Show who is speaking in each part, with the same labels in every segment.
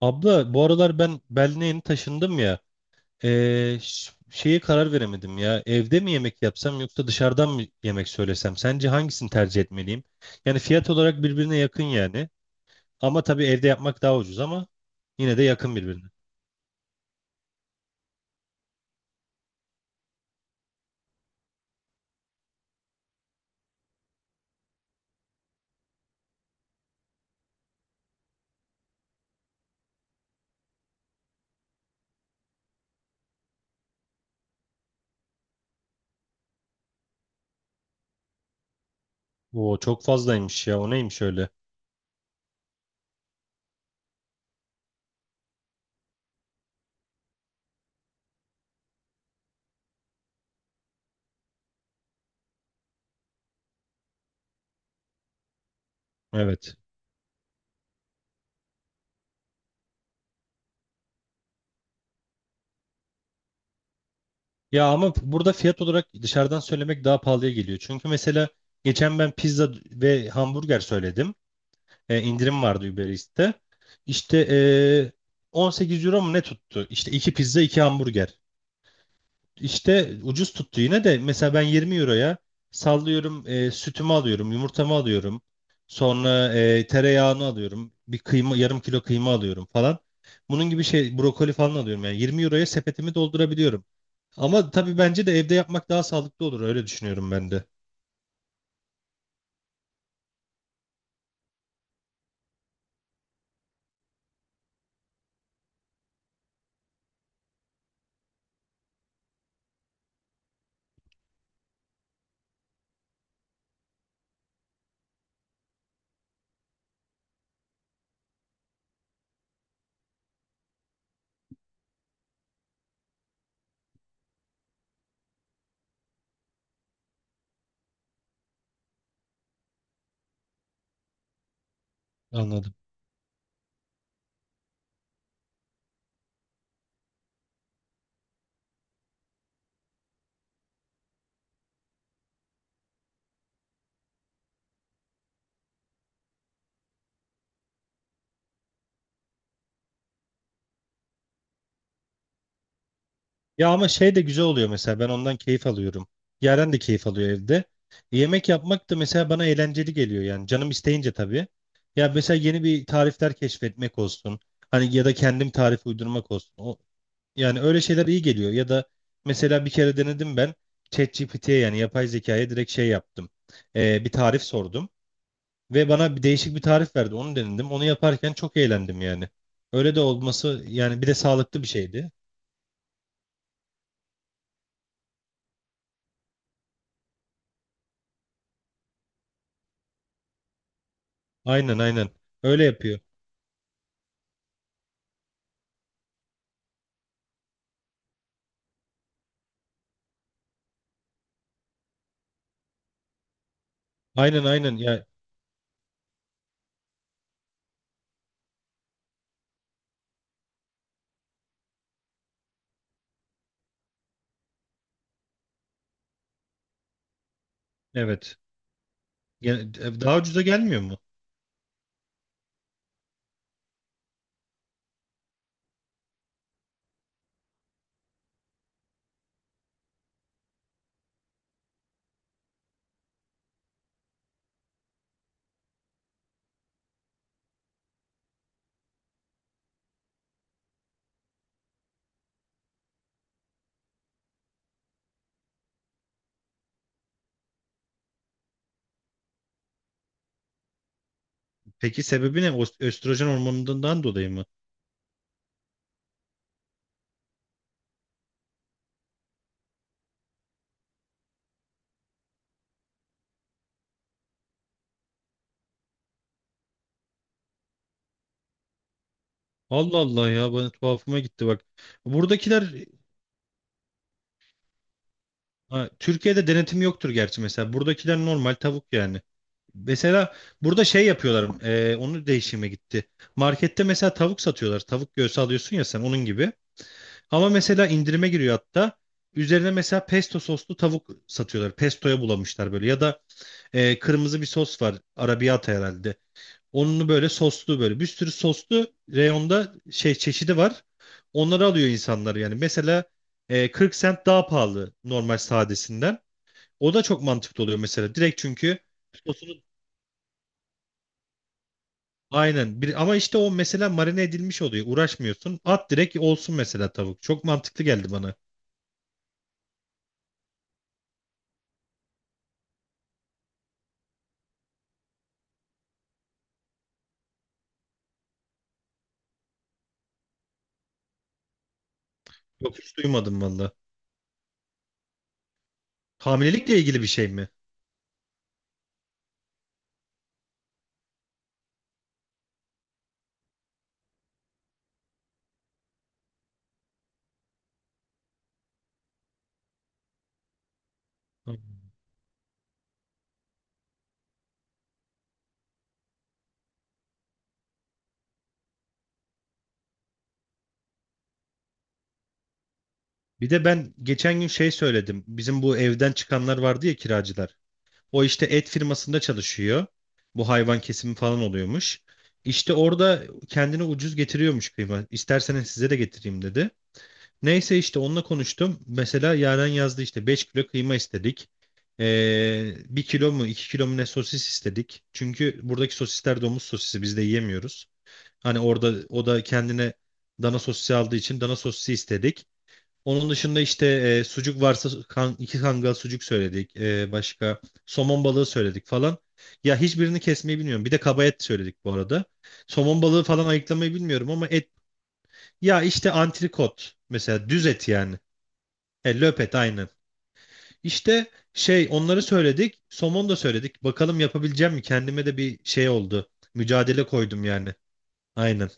Speaker 1: Abla bu aralar ben Berlin'e yeni taşındım ya. Şeye karar veremedim ya. Evde mi yemek yapsam yoksa dışarıdan mı yemek söylesem? Sence hangisini tercih etmeliyim? Yani fiyat olarak birbirine yakın yani. Ama tabii evde yapmak daha ucuz ama yine de yakın birbirine. Oo çok fazlaymış ya. O neymiş öyle? Evet. Ya ama burada fiyat olarak dışarıdan söylemek daha pahalıya geliyor. Çünkü mesela geçen ben pizza ve hamburger söyledim. İndirim vardı Uber Eats'te. İşte e, 18 euro mu ne tuttu? İşte iki pizza iki hamburger. İşte ucuz tuttu yine de mesela ben 20 euroya sallıyorum, sütümü alıyorum yumurtamı alıyorum. Sonra tereyağını alıyorum bir kıyma yarım kilo kıyma alıyorum falan. Bunun gibi şey brokoli falan alıyorum yani 20 euroya sepetimi doldurabiliyorum. Ama tabii bence de evde yapmak daha sağlıklı olur öyle düşünüyorum ben de. Anladım. Ya ama şey de güzel oluyor mesela ben ondan keyif alıyorum. Yaren de keyif alıyor evde. Yemek yapmak da mesela bana eğlenceli geliyor yani canım isteyince tabii. Ya mesela yeni bir tarifler keşfetmek olsun. Hani ya da kendim tarif uydurmak olsun. O, yani öyle şeyler iyi geliyor. Ya da mesela bir kere denedim ben ChatGPT'ye yani yapay zekaya direkt şey yaptım. Bir tarif sordum ve bana bir değişik bir tarif verdi. Onu denedim. Onu yaparken çok eğlendim yani. Öyle de olması yani bir de sağlıklı bir şeydi. Aynen, aynen. Öyle yapıyor. Aynen, aynen ya, evet. Gene- Daha ucuza gelmiyor mu? Peki sebebi ne? Östrojen hormonundan dolayı mı? Allah Allah ya bana tuhafıma gitti bak. Buradakiler ha, Türkiye'de denetim yoktur gerçi mesela. Buradakiler normal tavuk yani. Mesela burada şey yapıyorlar. Onu değişime gitti. Markette mesela tavuk satıyorlar. Tavuk göğsü alıyorsun ya sen onun gibi. Ama mesela indirime giriyor hatta. Üzerine mesela pesto soslu tavuk satıyorlar. Pestoya bulamışlar böyle. Ya da kırmızı bir sos var. Arabiyata herhalde. Onunu böyle soslu böyle bir sürü soslu reyonda şey çeşidi var. Onları alıyor insanlar yani. Mesela 40 sent daha pahalı normal sadesinden. O da çok mantıklı oluyor mesela. Direkt çünkü sosunu aynen. Bir, ama işte o mesela marine edilmiş oluyor. Uğraşmıyorsun. At direkt olsun mesela tavuk. Çok mantıklı geldi bana. Yok hiç duymadım valla. Hamilelikle ilgili bir şey mi? Hmm. Bir de ben geçen gün şey söyledim. Bizim bu evden çıkanlar vardı ya kiracılar. O işte et firmasında çalışıyor. Bu hayvan kesimi falan oluyormuş. İşte orada kendine ucuz getiriyormuş kıyma. İsterseniz size de getireyim dedi. Neyse işte onunla konuştum. Mesela Yaren yazdı işte 5 kilo kıyma istedik. 1 kilo mu 2 kilo mu ne sosis istedik. Çünkü buradaki sosisler domuz sosisi biz de yiyemiyoruz. Hani orada o da kendine dana sosisi aldığı için dana sosisi istedik. Onun dışında işte sucuk varsa kan, iki kangal sucuk söyledik. Başka somon balığı söyledik falan. Ya hiçbirini kesmeyi bilmiyorum. Bir de kaba et söyledik bu arada. Somon balığı falan ayıklamayı bilmiyorum ama et. Ya işte antrikot mesela düz et yani. Löp et aynen. İşte şey onları söyledik. Somon da söyledik. Bakalım yapabileceğim mi? Kendime de bir şey oldu. Mücadele koydum yani. Aynen.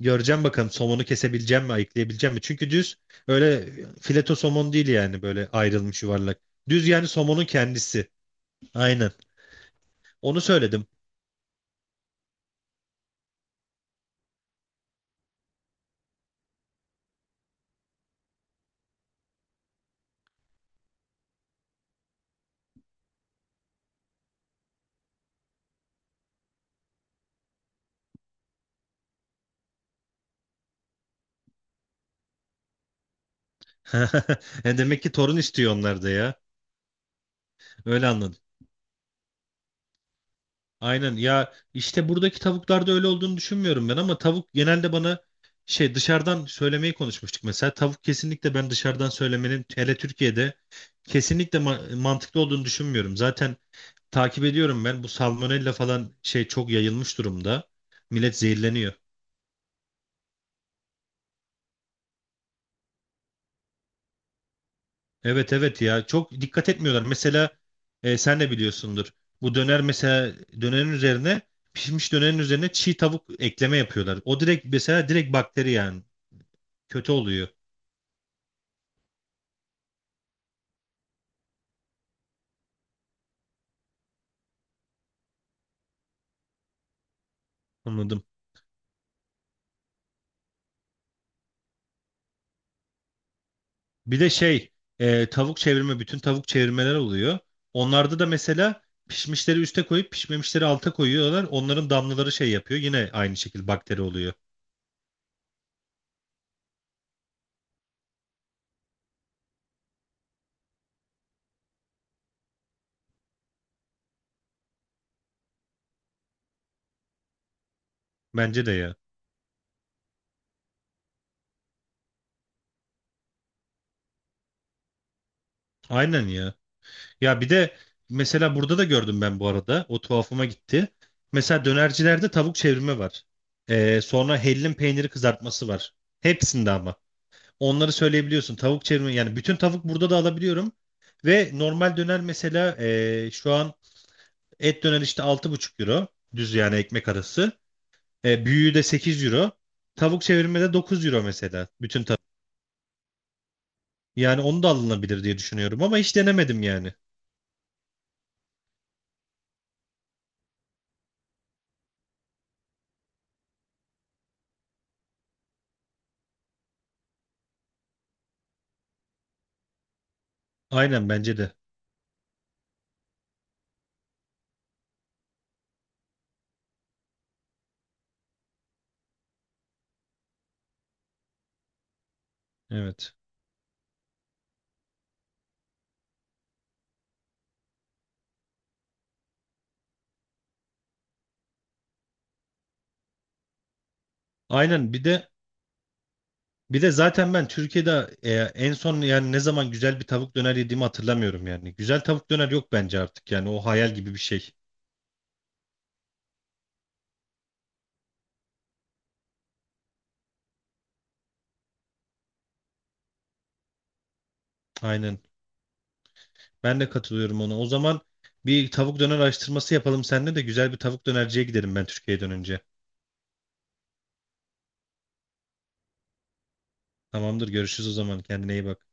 Speaker 1: Göreceğim bakalım somonu kesebileceğim mi, ayıklayabileceğim mi? Çünkü düz öyle fileto somon değil yani böyle ayrılmış yuvarlak. Düz yani somonun kendisi. Aynen. Onu söyledim. Demek ki torun istiyor onlar da ya. Öyle anladım. Aynen ya işte buradaki tavuklarda öyle olduğunu düşünmüyorum ben ama tavuk genelde bana şey dışarıdan söylemeyi konuşmuştuk mesela. Tavuk kesinlikle ben dışarıdan söylemenin hele Türkiye'de kesinlikle mantıklı olduğunu düşünmüyorum. Zaten takip ediyorum ben. Bu salmonella falan şey çok yayılmış durumda. Millet zehirleniyor. Evet, evet ya çok dikkat etmiyorlar. Mesela sen de biliyorsundur. Bu döner mesela dönerin üzerine pişmiş dönerin üzerine çiğ tavuk ekleme yapıyorlar. O direkt mesela direkt bakteri yani. Kötü oluyor. Anladım. Bir de şey tavuk çevirme bütün tavuk çevirmeler oluyor. Onlarda da mesela pişmişleri üste koyup pişmemişleri alta koyuyorlar. Onların damlaları şey yapıyor. Yine aynı şekilde bakteri oluyor. Bence de ya. Aynen ya. Ya bir de mesela burada da gördüm ben bu arada. O tuhafıma gitti. Mesela dönercilerde tavuk çevirme var. Sonra hellim peyniri kızartması var. Hepsinde ama. Onları söyleyebiliyorsun. Tavuk çevirme yani bütün tavuk burada da alabiliyorum. Ve normal döner mesela şu an et döner işte 6,5 euro. Düz yani ekmek arası. Büyüğü de 8 euro. Tavuk çevirme de 9 euro mesela. Bütün tavuk. Yani onu da alınabilir diye düşünüyorum ama hiç denemedim yani. Aynen bence de. Evet. Aynen bir de zaten ben Türkiye'de en son yani ne zaman güzel bir tavuk döner yediğimi hatırlamıyorum yani. Güzel tavuk döner yok bence artık yani o hayal gibi bir şey. Aynen. Ben de katılıyorum ona. O zaman bir tavuk döner araştırması yapalım seninle de güzel bir tavuk dönerciye gidelim ben Türkiye'ye dönünce. Tamamdır, görüşürüz o zaman. Kendine iyi bak.